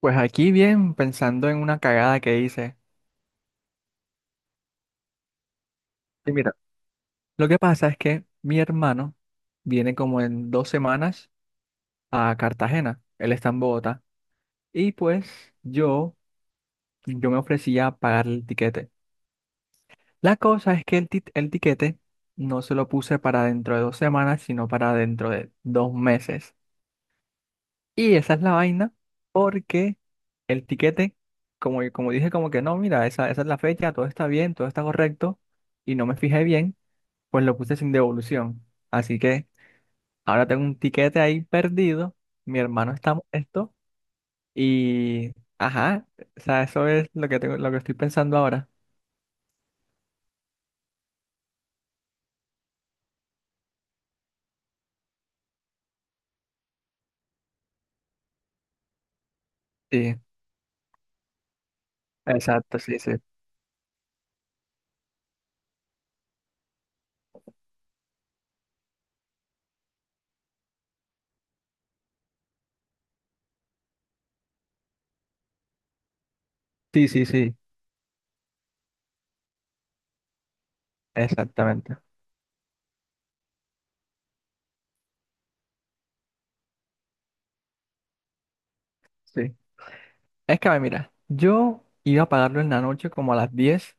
Pues aquí bien, pensando en una cagada que hice. Y mira, lo que pasa es que mi hermano viene como en 2 semanas a Cartagena. Él está en Bogotá. Y pues yo me ofrecía a pagar el tiquete. La cosa es que el tiquete no se lo puse para dentro de 2 semanas, sino para dentro de 2 meses. Y esa es la vaina, porque el tiquete, como dije, como que no, mira, esa es la fecha, todo está bien, todo está correcto, y no me fijé bien. Pues lo puse sin devolución. Así que ahora tengo un tiquete ahí perdido. Mi hermano está molesto. Y, ajá, o sea, eso es lo que tengo, lo que estoy pensando ahora. Sí, exacto, sí, sí. Sí, sí, sí, exactamente. Sí. Es que, a ver, mira, yo iba a pagarlo en la noche como a las 10,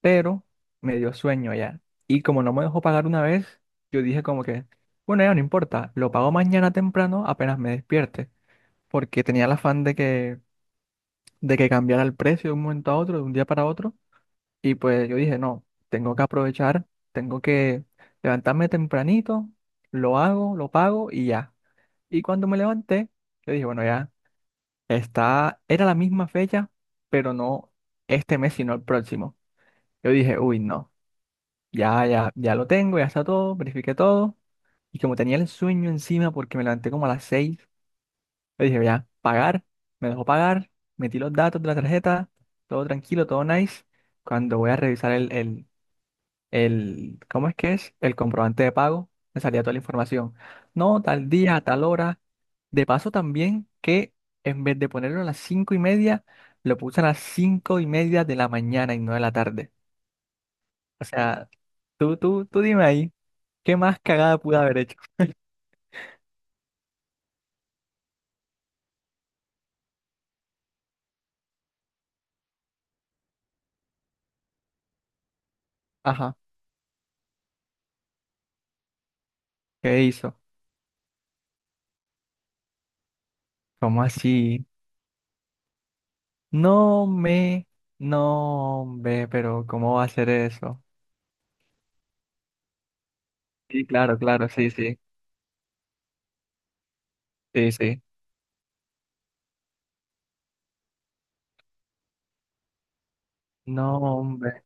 pero me dio sueño ya. Y como no me dejó pagar una vez, yo dije como que, bueno, ya no importa, lo pago mañana temprano apenas me despierte, porque tenía el afán de que cambiara el precio de un momento a otro, de un día para otro. Y pues yo dije, no, tengo que aprovechar, tengo que levantarme tempranito, lo hago, lo pago y ya. Y cuando me levanté, yo dije, bueno, ya está, era la misma fecha, pero no este mes, sino el próximo. Yo dije, uy, no, ya, ya, ya lo tengo, ya está todo, verifiqué todo. Y como tenía el sueño encima porque me levanté como a las 6. Le dije, ya, pagar, me dejó pagar, metí los datos de la tarjeta, todo tranquilo, todo nice. Cuando voy a revisar el, ¿cómo es que es? El comprobante de pago, me salía toda la información. No, tal día, tal hora. De paso también que en vez de ponerlo a las 5:30, lo puse a las 5:30 de la mañana y no de la tarde. O sea, tú dime ahí, ¿qué más cagada pude haber hecho? Ajá, ¿qué hizo? ¿Cómo así? No me, no hombre, pero ¿cómo va a ser eso? Sí, claro, claro, sí, sí, sí, sí. No, hombre.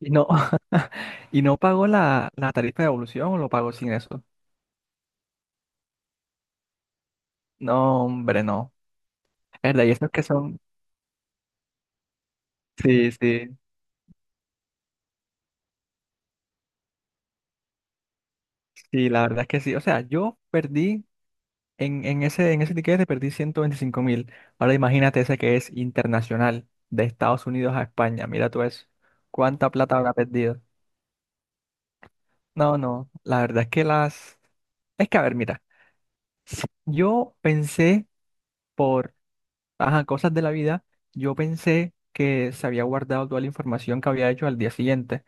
Y no, y no pagó la tarifa de evolución o lo pagó sin eso. No, hombre, no. Es verdad, y esos que son. Sí, sí, sí, la verdad es que sí. O sea, yo perdí en ese tiquete perdí 125.000. Ahora imagínate ese que es internacional, de Estados Unidos a España. Mira tú eso. ¿Cuánta plata habrá perdido? No, no, la verdad es que las. Es que, a ver, mira, yo pensé por, ajá, cosas de la vida, yo pensé que se había guardado toda la información que había hecho al día siguiente,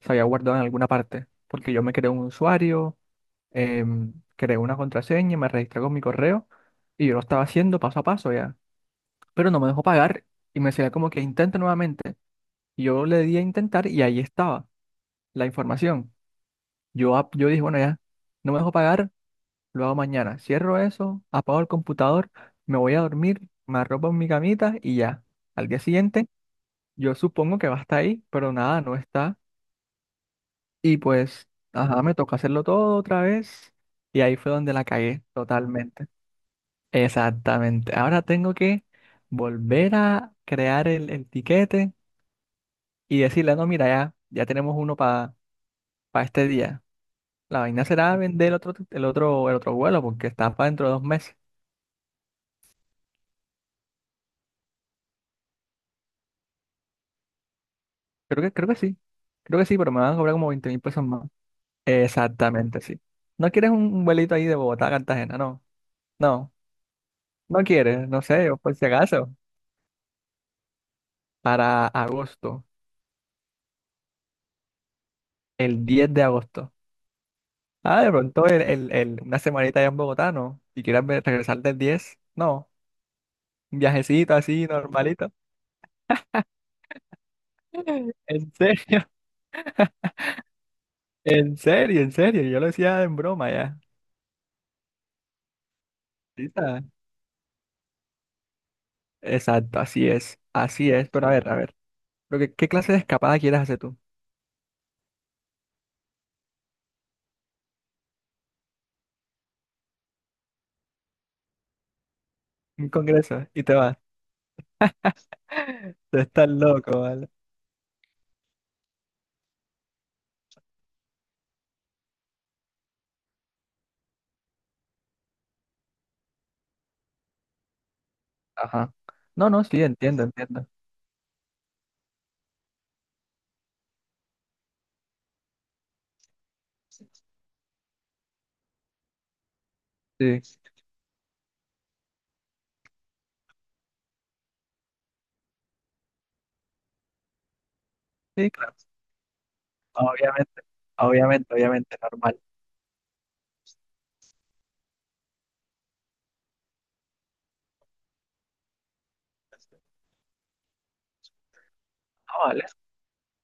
se había guardado en alguna parte, porque yo me creé un usuario, creé una contraseña, me registré con mi correo y yo lo estaba haciendo paso a paso ya, pero no me dejó pagar y me decía como que intente nuevamente. Y yo le di a intentar y ahí estaba la información. Yo dije, bueno, ya, no me dejó pagar. Lo hago mañana. Cierro eso, apago el computador, me voy a dormir, me arropo en mi camita y ya. Al día siguiente, yo supongo que va a estar ahí, pero nada, no está. Y pues, ajá, me toca hacerlo todo otra vez. Y ahí fue donde la cagué totalmente. Exactamente. Ahora tengo que volver a crear el tiquete y decirle, no, mira, ya, ya tenemos uno para este día. La vaina será vender el otro vuelo porque está para dentro de 2 meses. Creo que sí. Creo que sí, pero me van a cobrar como 20.000 pesos más. Exactamente, sí. ¿No quieres un vuelito ahí de Bogotá a Cartagena? No. No. No quieres. No sé, yo por si acaso. Para agosto. El 10 de agosto. Ah, de pronto una semanita allá en Bogotá, ¿no? Si quieres regresar del 10. No. Un viajecito así, normalito. En serio, en serio, en serio. Yo lo decía en broma ya. Sí, está. Exacto, así es. Así es. Pero a ver, a ver. ¿Qué clase de escapada quieres hacer tú? Un congreso y te vas. Tú estás loco, ¿vale? Ajá. No, no, sí, entiendo, entiendo. Sí, sí, claro. No, obviamente, obviamente, obviamente, normal. Ah, vale.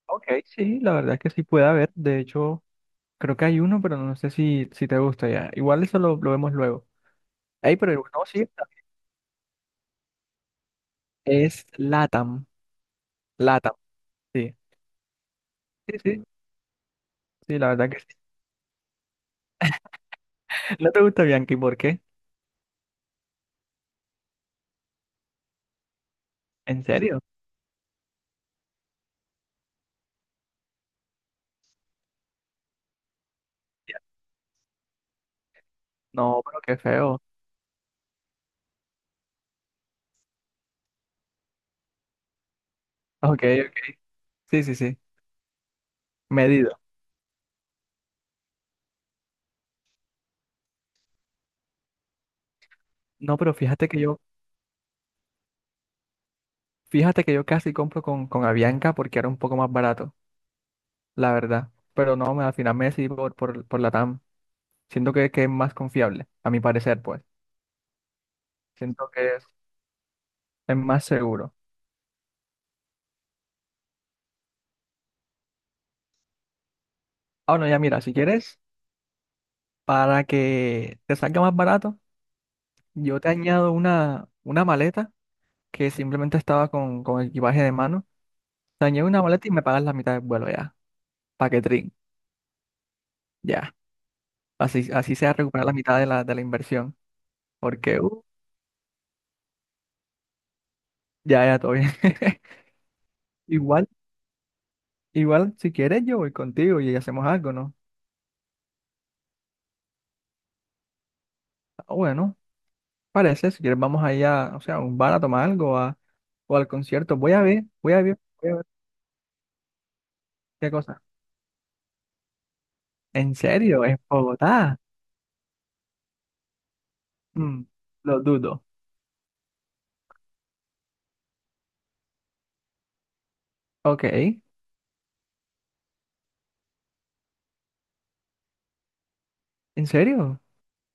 Ok, sí, la verdad es que sí puede haber. De hecho, creo que hay uno, pero no sé si te gusta ya. Igual eso lo vemos luego. Ey, pero no, sí, es LATAM. LATAM, sí. Sí, sí, sí, la verdad que sí. ¿No te gusta Bianchi? ¿Por qué? ¿En serio? No, pero qué feo. Ok, ok. Sí, sí, sí. Medido. No, pero Fíjate que yo casi compro con Avianca porque era un poco más barato, la verdad. Pero no, al final me decidí por Latam. Siento que es más confiable, a mi parecer, pues. Siento que es más seguro. Ah, bueno, ya mira, si quieres, para que te salga más barato, yo te añado una maleta que simplemente estaba con equipaje de mano. Te añado una maleta y me pagas la mitad del vuelo ya. Paquetrín, ya. Así sea recuperar la mitad de la inversión. Porque, ya, ya, todo bien. Igual. Igual, si quieres, yo voy contigo y hacemos algo, ¿no? Ah, bueno, parece, si quieres, vamos allá, o sea, a un bar a tomar algo o al concierto. Voy a ver, voy a ver, voy a ver qué cosa. ¿En serio? ¿En Bogotá? Mm, lo dudo. Ok, ¿en serio?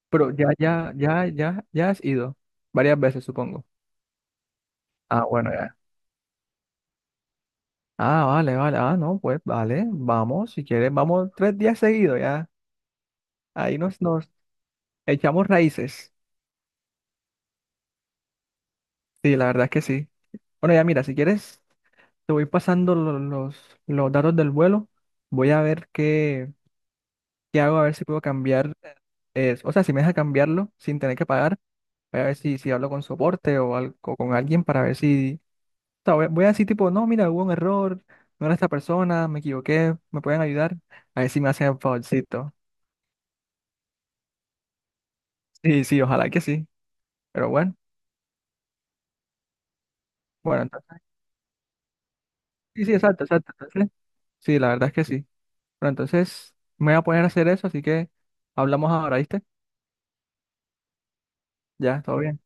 Pero ya, ya, ya, ya, ya has ido varias veces, supongo. Ah, bueno, ya. Ah, vale, vale. Ah, no, pues vale, vamos, si quieres, vamos 3 días seguidos, ya. Ahí nos echamos raíces. Sí, la verdad es que sí. Bueno, ya mira, si quieres. Te voy pasando los datos del vuelo. Voy a ver qué hago, a ver si puedo cambiar. O sea, si me deja cambiarlo sin tener que pagar. Voy a ver si hablo con soporte o, o con alguien para ver si. O sea, voy a decir, tipo, no, mira, hubo un error. No era esta persona, me equivoqué. ¿Me pueden ayudar? A ver si me hacen el favorcito. Sí, sí, ojalá que sí. Pero bueno, entonces. Sí, sí, exacto, exacto. Entonces, sí, la verdad es que sí. Pero entonces me voy a poner a hacer eso, así que hablamos ahora, ¿viste? Ya, todo bien.